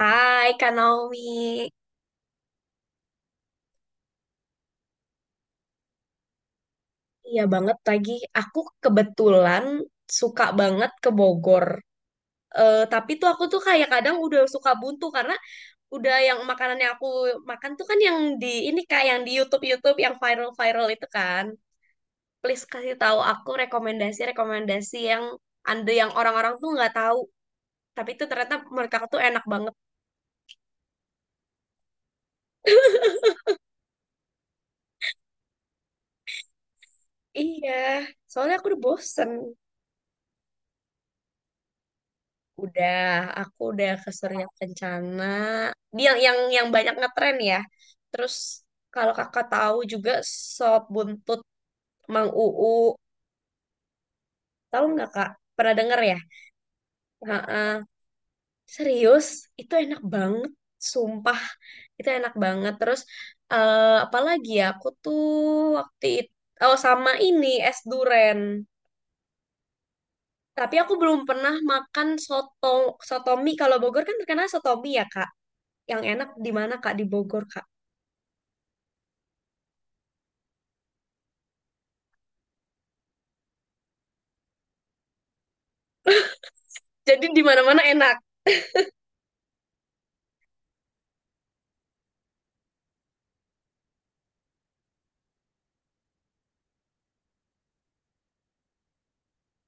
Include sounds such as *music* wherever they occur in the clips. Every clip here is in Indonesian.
Hai Kak Naomi, iya banget lagi. Aku kebetulan suka banget ke Bogor. Tapi tuh aku tuh kayak kadang udah suka buntu karena udah yang makanan yang aku makan tuh kan yang di ini kak yang di YouTube-YouTube yang viral-viral itu kan. Please kasih tahu aku rekomendasi-rekomendasi yang anda yang orang-orang tuh nggak tahu. Tapi itu ternyata mereka tuh enak banget. Iya, soalnya aku udah bosen. Udah, aku udah ke Surya Kencana. Dia yang banyak ngetren ya. Terus kalau kakak tahu juga sop buntut Mang Uu, tahu nggak kak? Pernah denger ya? Heeh. Serius, itu enak banget, sumpah. Itu enak banget. Terus apalagi ya? Aku tuh waktu itu oh sama ini es duren. Tapi aku belum pernah makan sotomi. Kalau Bogor kan terkenal sotomi ya, Kak. Yang enak di mana, Kak? Di Bogor, Kak. Jadi di mana-mana enak.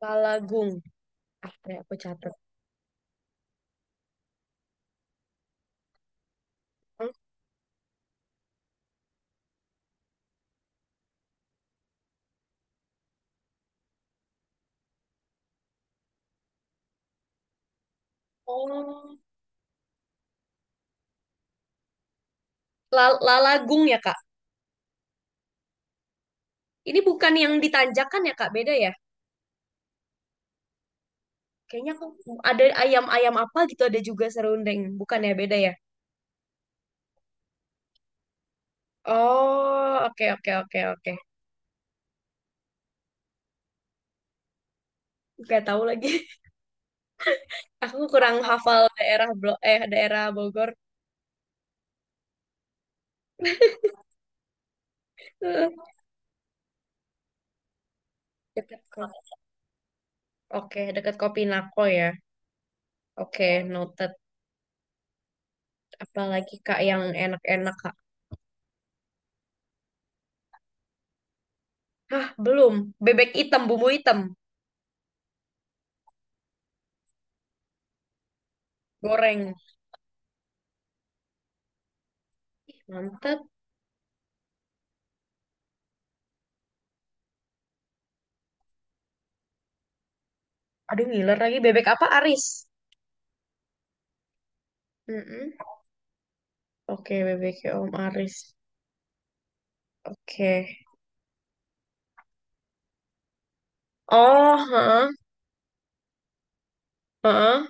Lalagung. Apa ya, aku catat. Oh, lalagung ya, Kak. Ini bukan yang ditanjakan ya, Kak. Beda ya? Kayaknya aku ada ayam-ayam apa gitu ada juga serundeng. Bukan ya, beda ya? Oh, oke oke oke oke. Gak tahu lagi. *laughs* Aku kurang hafal daerah Blo eh daerah Bogor. *laughs* Eh, Dekat Ko- Oke, dekat Kopinako ya. Oke, noted. Apalagi Kak yang enak-enak, Kak? Hah, belum. Bebek hitam, bumbu hitam, goreng. Ih, Mantap. Aduh, ngiler lagi. Bebek apa? Aris. Mm-mm. Oke, bebeknya Om Aris. Oke. Oh, heeh, heeh.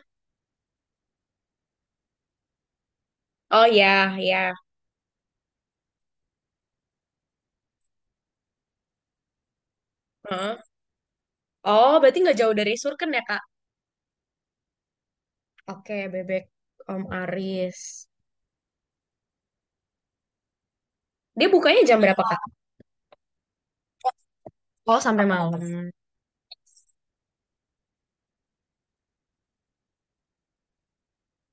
Oh ya, ya. Heeh. Oh, berarti nggak jauh dari Surken ya, Kak? Oke, bebek Om Aris. Dia bukanya jam berapa, Kak? Oh, sampai malam.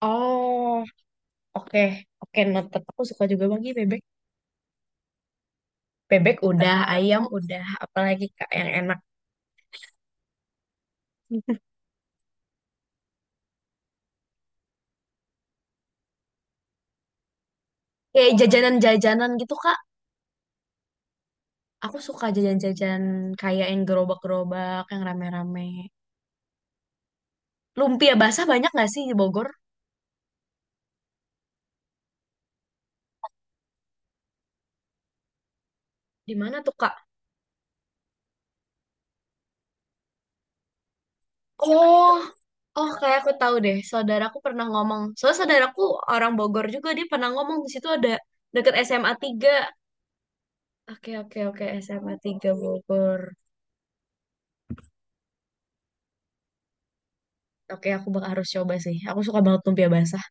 Oh, oke. Oke, noted. Aku suka juga bagi bebek. Bebek udah, ayam udah, apalagi Kak yang enak. Kayak jajanan-jajanan gitu, Kak. Aku suka jajan-jajan kayak yang gerobak-gerobak, yang rame-rame. Lumpia basah banyak nggak sih di Bogor? Di mana tuh, Kak? Oh, oh kayak aku tahu deh. Saudaraku pernah ngomong. Soalnya saudaraku orang Bogor juga, dia pernah ngomong di situ ada deket SMA 3 Oke, oke, oke, SMA tiga Bogor. Oke, aku bak harus coba sih. Aku suka banget lumpia basah.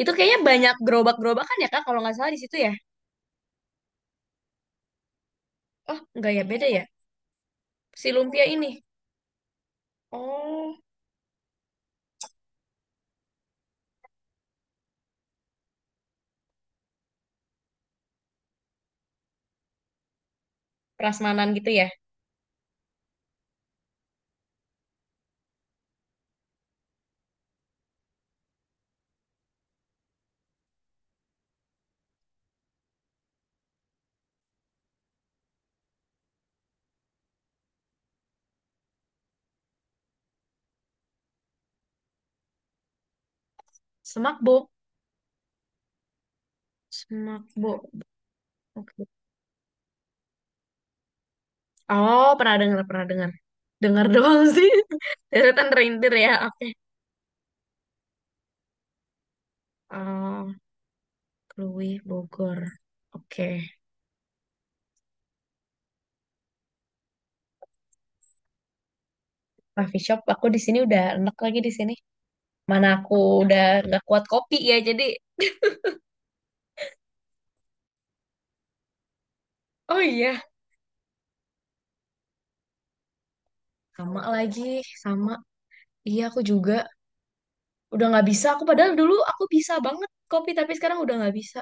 Itu kayaknya banyak gerobak-gerobakan ya, Kak, kalau nggak salah di situ ya. Oh, nggak ya, beda ya. Si lumpia ini. Oh, prasmanan gitu ya. Semak Smakbo. Oke. Oh, pernah dengar, pernah dengar. Dengar doang sih. *laughs* Deretan reindeer ya. Oke. Oh, Krui Bogor. Oke. Coffee shop aku di sini udah enak lagi di sini. Mana aku udah nggak kuat kopi ya. Jadi, oh iya, sama lagi, sama. Iya, aku juga udah nggak bisa. Aku padahal dulu aku bisa banget kopi, tapi sekarang udah nggak bisa.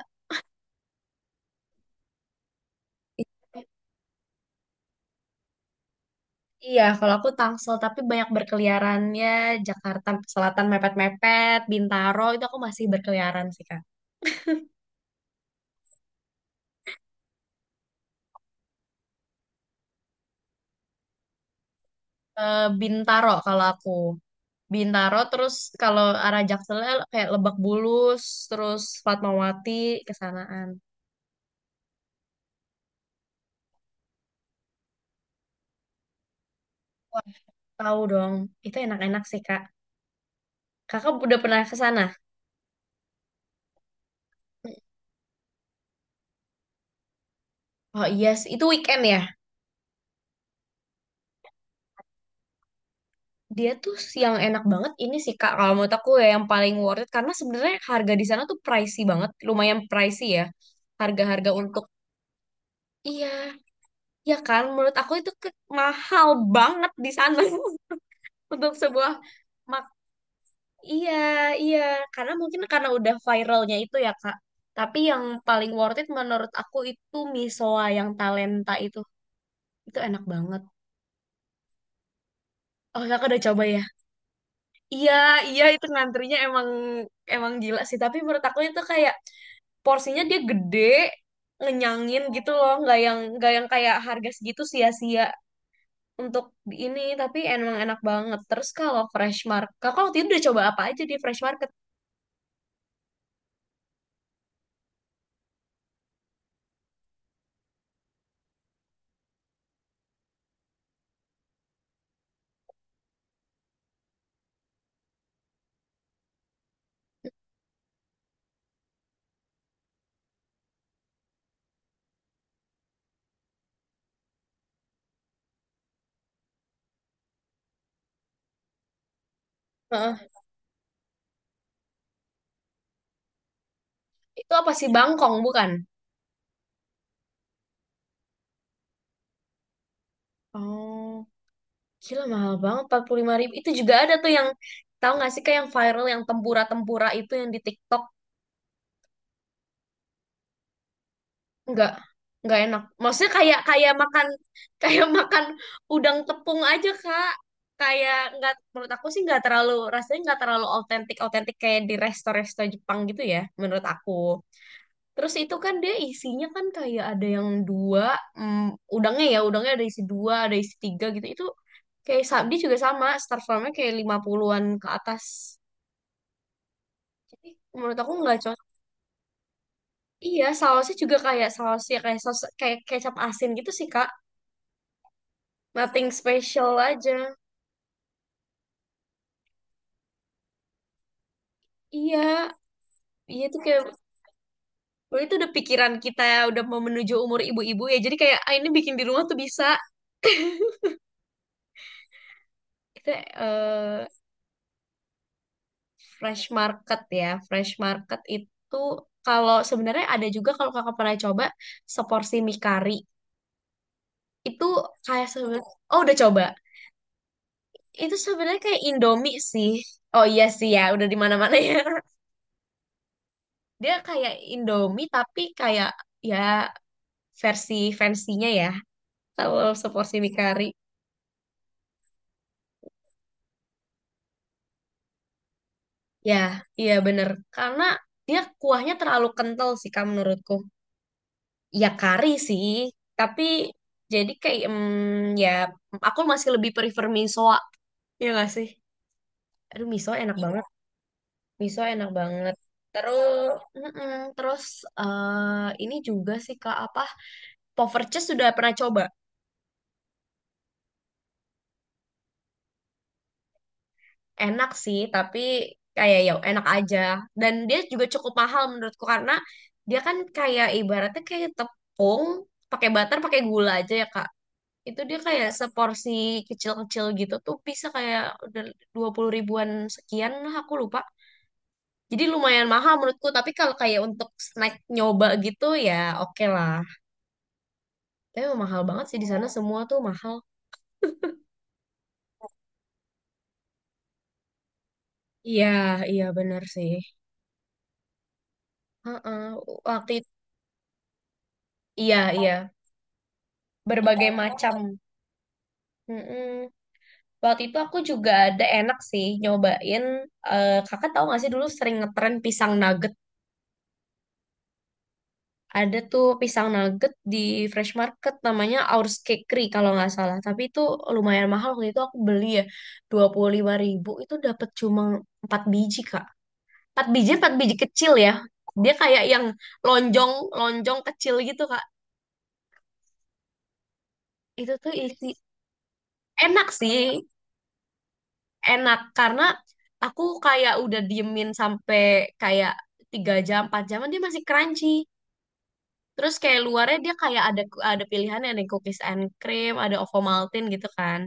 Iya, kalau aku Tangsel tapi banyak berkeliarannya Jakarta Selatan mepet-mepet, Bintaro itu aku masih berkeliaran sih Kak. Bintaro kalau aku. Bintaro terus kalau arah Jakselnya kayak Lebak Bulus, terus Fatmawati kesanaan. Wah, tahu dong. Itu enak-enak sih Kak. Kakak udah pernah ke sana? Oh iya, sih. Itu weekend ya? Dia tuh yang enak banget ini sih Kak, kalau menurut aku ya yang paling worth it karena sebenarnya harga di sana tuh pricey banget, lumayan pricey ya. Harga-harga untuk iya, ya kan menurut aku itu mahal banget di sana *laughs* untuk sebuah mak iya, iya, karena mungkin karena udah viralnya itu ya Kak. Tapi yang paling worth it menurut aku itu misoa yang talenta itu. Itu enak banget. Oh, Kakak udah coba ya? Iya, iya itu ngantrinya emang emang gila sih, tapi menurut aku itu kayak porsinya dia gede, ngenyangin gitu loh, nggak yang kayak harga segitu sia-sia untuk di ini, tapi emang enak banget. Terus kalau fresh market, kakak waktu itu udah coba apa aja di fresh market? Heeh. Itu apa sih bangkong bukan? Oh, gila mahal banget 45.000. Itu juga ada tuh yang tahu nggak sih kayak yang viral yang tempura-tempura itu yang di TikTok. nggak nggak enak maksudnya kayak kayak makan *laughs* kayak makan udang tepung aja kak kayak nggak menurut aku sih nggak terlalu rasanya nggak terlalu autentik autentik kayak di resto-resto Jepang gitu ya menurut aku terus itu kan dia isinya kan kayak ada yang dua mm, udangnya ya udangnya ada isi dua ada isi tiga gitu itu kayak sabdi juga sama star farmnya kayak 50-an ke atas jadi menurut aku nggak cocok iya sausnya juga kayak sausnya kayak saus kayak kecap asin gitu sih kak nothing special aja. Iya, iya tuh kayak dulu itu udah pikiran kita ya, udah mau menuju umur ibu-ibu ya. Jadi kayak ah, ini bikin di rumah tuh bisa. Kita eh, fresh market ya. Fresh market itu kalau sebenarnya ada juga kalau kakak pernah coba seporsi mie kari. Itu kayak sebenarnya oh udah coba. Itu sebenarnya kayak Indomie sih. Oh iya sih ya, udah di mana-mana ya. *laughs* Dia kayak Indomie tapi kayak ya versi fancy-nya ya. Kalau seporsi mie kari. Ya, iya bener. Karena dia kuahnya terlalu kental sih Kak menurutku. Ya kari sih, tapi jadi kayak mm, ya aku masih lebih prefer misoa. Iya gak sih? Aduh miso enak banget. Miso enak banget. Terus, mm-mm, terus ini juga sih Kak apa? Poverches sudah pernah coba? Enak sih tapi kayak ya enak aja dan dia juga cukup mahal menurutku karena dia kan kayak ibaratnya kayak tepung pakai butter pakai gula aja ya Kak itu dia kayak seporsi kecil-kecil gitu tuh bisa kayak udah 20.000-an sekian lah aku lupa jadi lumayan mahal menurutku tapi kalau kayak untuk snack nyoba gitu ya oke lah tapi emang mahal banget sih di sana semua tuh mahal iya iya bener sih. Heeh, Waktu itu, iya iya berbagai macam. Mm-mm. Waktu itu aku juga ada enak sih nyobain. Kakak tahu nggak sih dulu sering ngetren pisang nugget. Ada tuh pisang nugget di Fresh Market namanya Our Cakery kalau nggak salah. Tapi itu lumayan mahal waktu itu aku beli ya 25.000 itu dapat cuma 4 biji Kak. Empat biji 4 biji kecil ya. Dia kayak yang lonjong lonjong kecil gitu Kak. Itu tuh isi enak sih. Enak karena aku kayak udah diemin sampai kayak tiga jam 4 jam dia masih crunchy terus kayak luarnya dia kayak ada pilihannya ada cookies and cream ada Ovomaltine gitu kan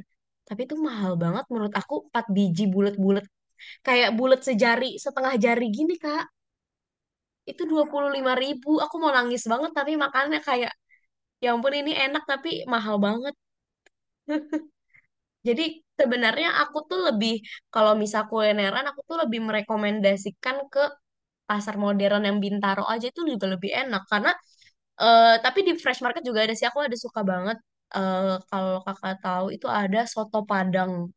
tapi itu mahal banget menurut aku 4 biji bulat-bulat kayak bulat sejari setengah jari gini kak itu 25.000 aku mau nangis banget tapi makannya kayak ya ampun ini enak tapi mahal banget. *laughs* Jadi sebenarnya aku tuh lebih kalau misal kulineran aku tuh lebih merekomendasikan pasar modern yang Bintaro aja itu juga lebih enak karena tapi di Fresh Market juga ada sih aku ada suka banget kalau kakak tahu itu ada soto Padang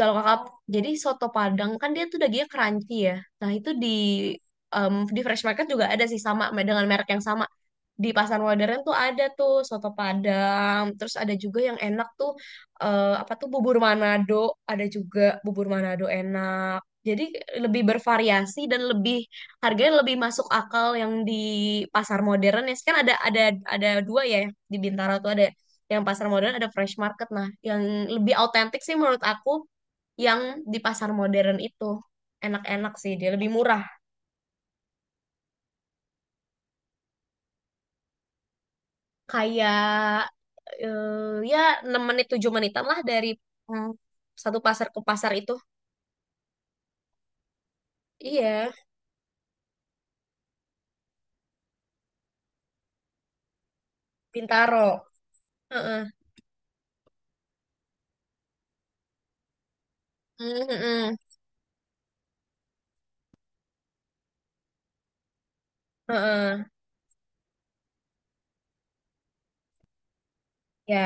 kalau kakak jadi soto Padang kan dia tuh dagingnya crunchy ya nah itu di di Fresh Market juga ada sih sama dengan merek yang sama di Pasar Modern tuh ada tuh soto Padang, terus ada juga yang enak tuh apa tuh bubur Manado, ada juga bubur Manado enak. Jadi lebih bervariasi dan lebih harganya lebih masuk akal yang di Pasar Modern ya. Kan ada dua ya di Bintaro tuh ada yang Pasar Modern ada Fresh Market. Nah, yang lebih autentik sih menurut aku yang di Pasar Modern itu enak-enak sih dia lebih murah kayak eh, ya 6 menit 7 menitan lah dari mm, satu pasar ke pasar itu. Iya, Bintaro. Heeh. Mm, heeh. Heeh. Ya,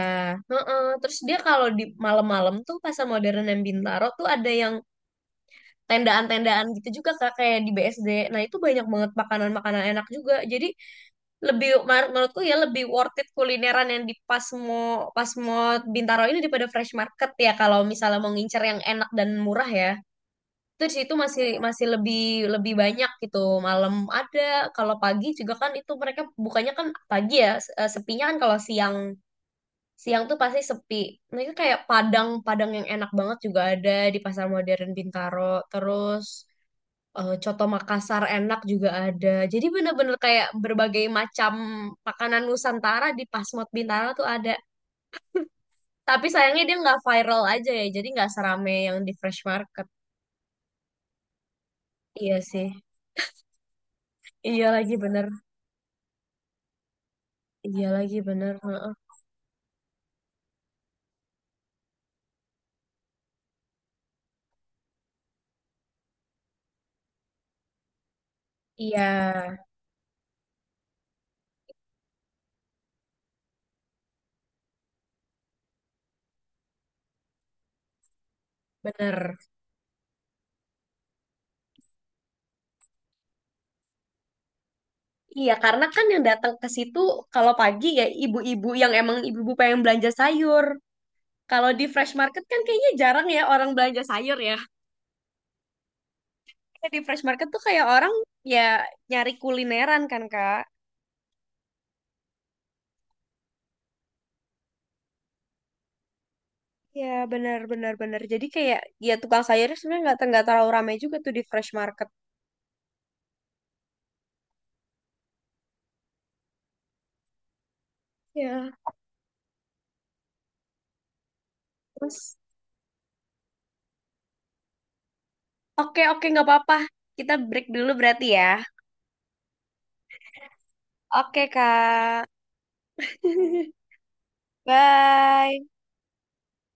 heeh. Terus dia kalau di malam-malam tuh pasar modern dan Bintaro tuh ada yang tendaan-tendaan gitu juga Kak, kayak di BSD. Nah, itu banyak banget makanan-makanan enak juga. Jadi lebih menurutku ya lebih worth it kulineran yang di Pasmo Pasmo Bintaro ini daripada Fresh Market ya kalau misalnya mau ngincer yang enak dan murah ya. Itu di situ masih masih lebih lebih banyak gitu malam ada kalau pagi juga kan itu mereka bukannya kan pagi ya sepinya kan kalau siang siang tuh pasti sepi nah itu kayak padang padang yang enak banget juga ada di pasar modern Bintaro terus coto Makassar enak juga ada jadi bener-bener kayak berbagai macam makanan Nusantara di Pasmod Bintaro tuh ada tapi sayangnya dia nggak viral aja ya jadi nggak serame yang di Fresh Market iya sih iya lagi bener. Iya lagi bener. Heeh. Iya bener. Iya, karena kan yang datang ke situ kalau pagi ya ibu-ibu yang emang ibu-ibu pengen belanja sayur. Kalau di fresh market kan kayaknya jarang ya orang belanja sayur ya. Kayak di fresh market tuh kayak orang ya nyari kulineran kan, Kak. Ya, benar benar benar. Jadi kayak ya tukang sayurnya sebenarnya nggak terlalu ramai juga tuh di fresh market. Ya, terus oke oke nggak apa-apa. Kita break dulu berarti ya. Oke, Kak. *laughs* Bye.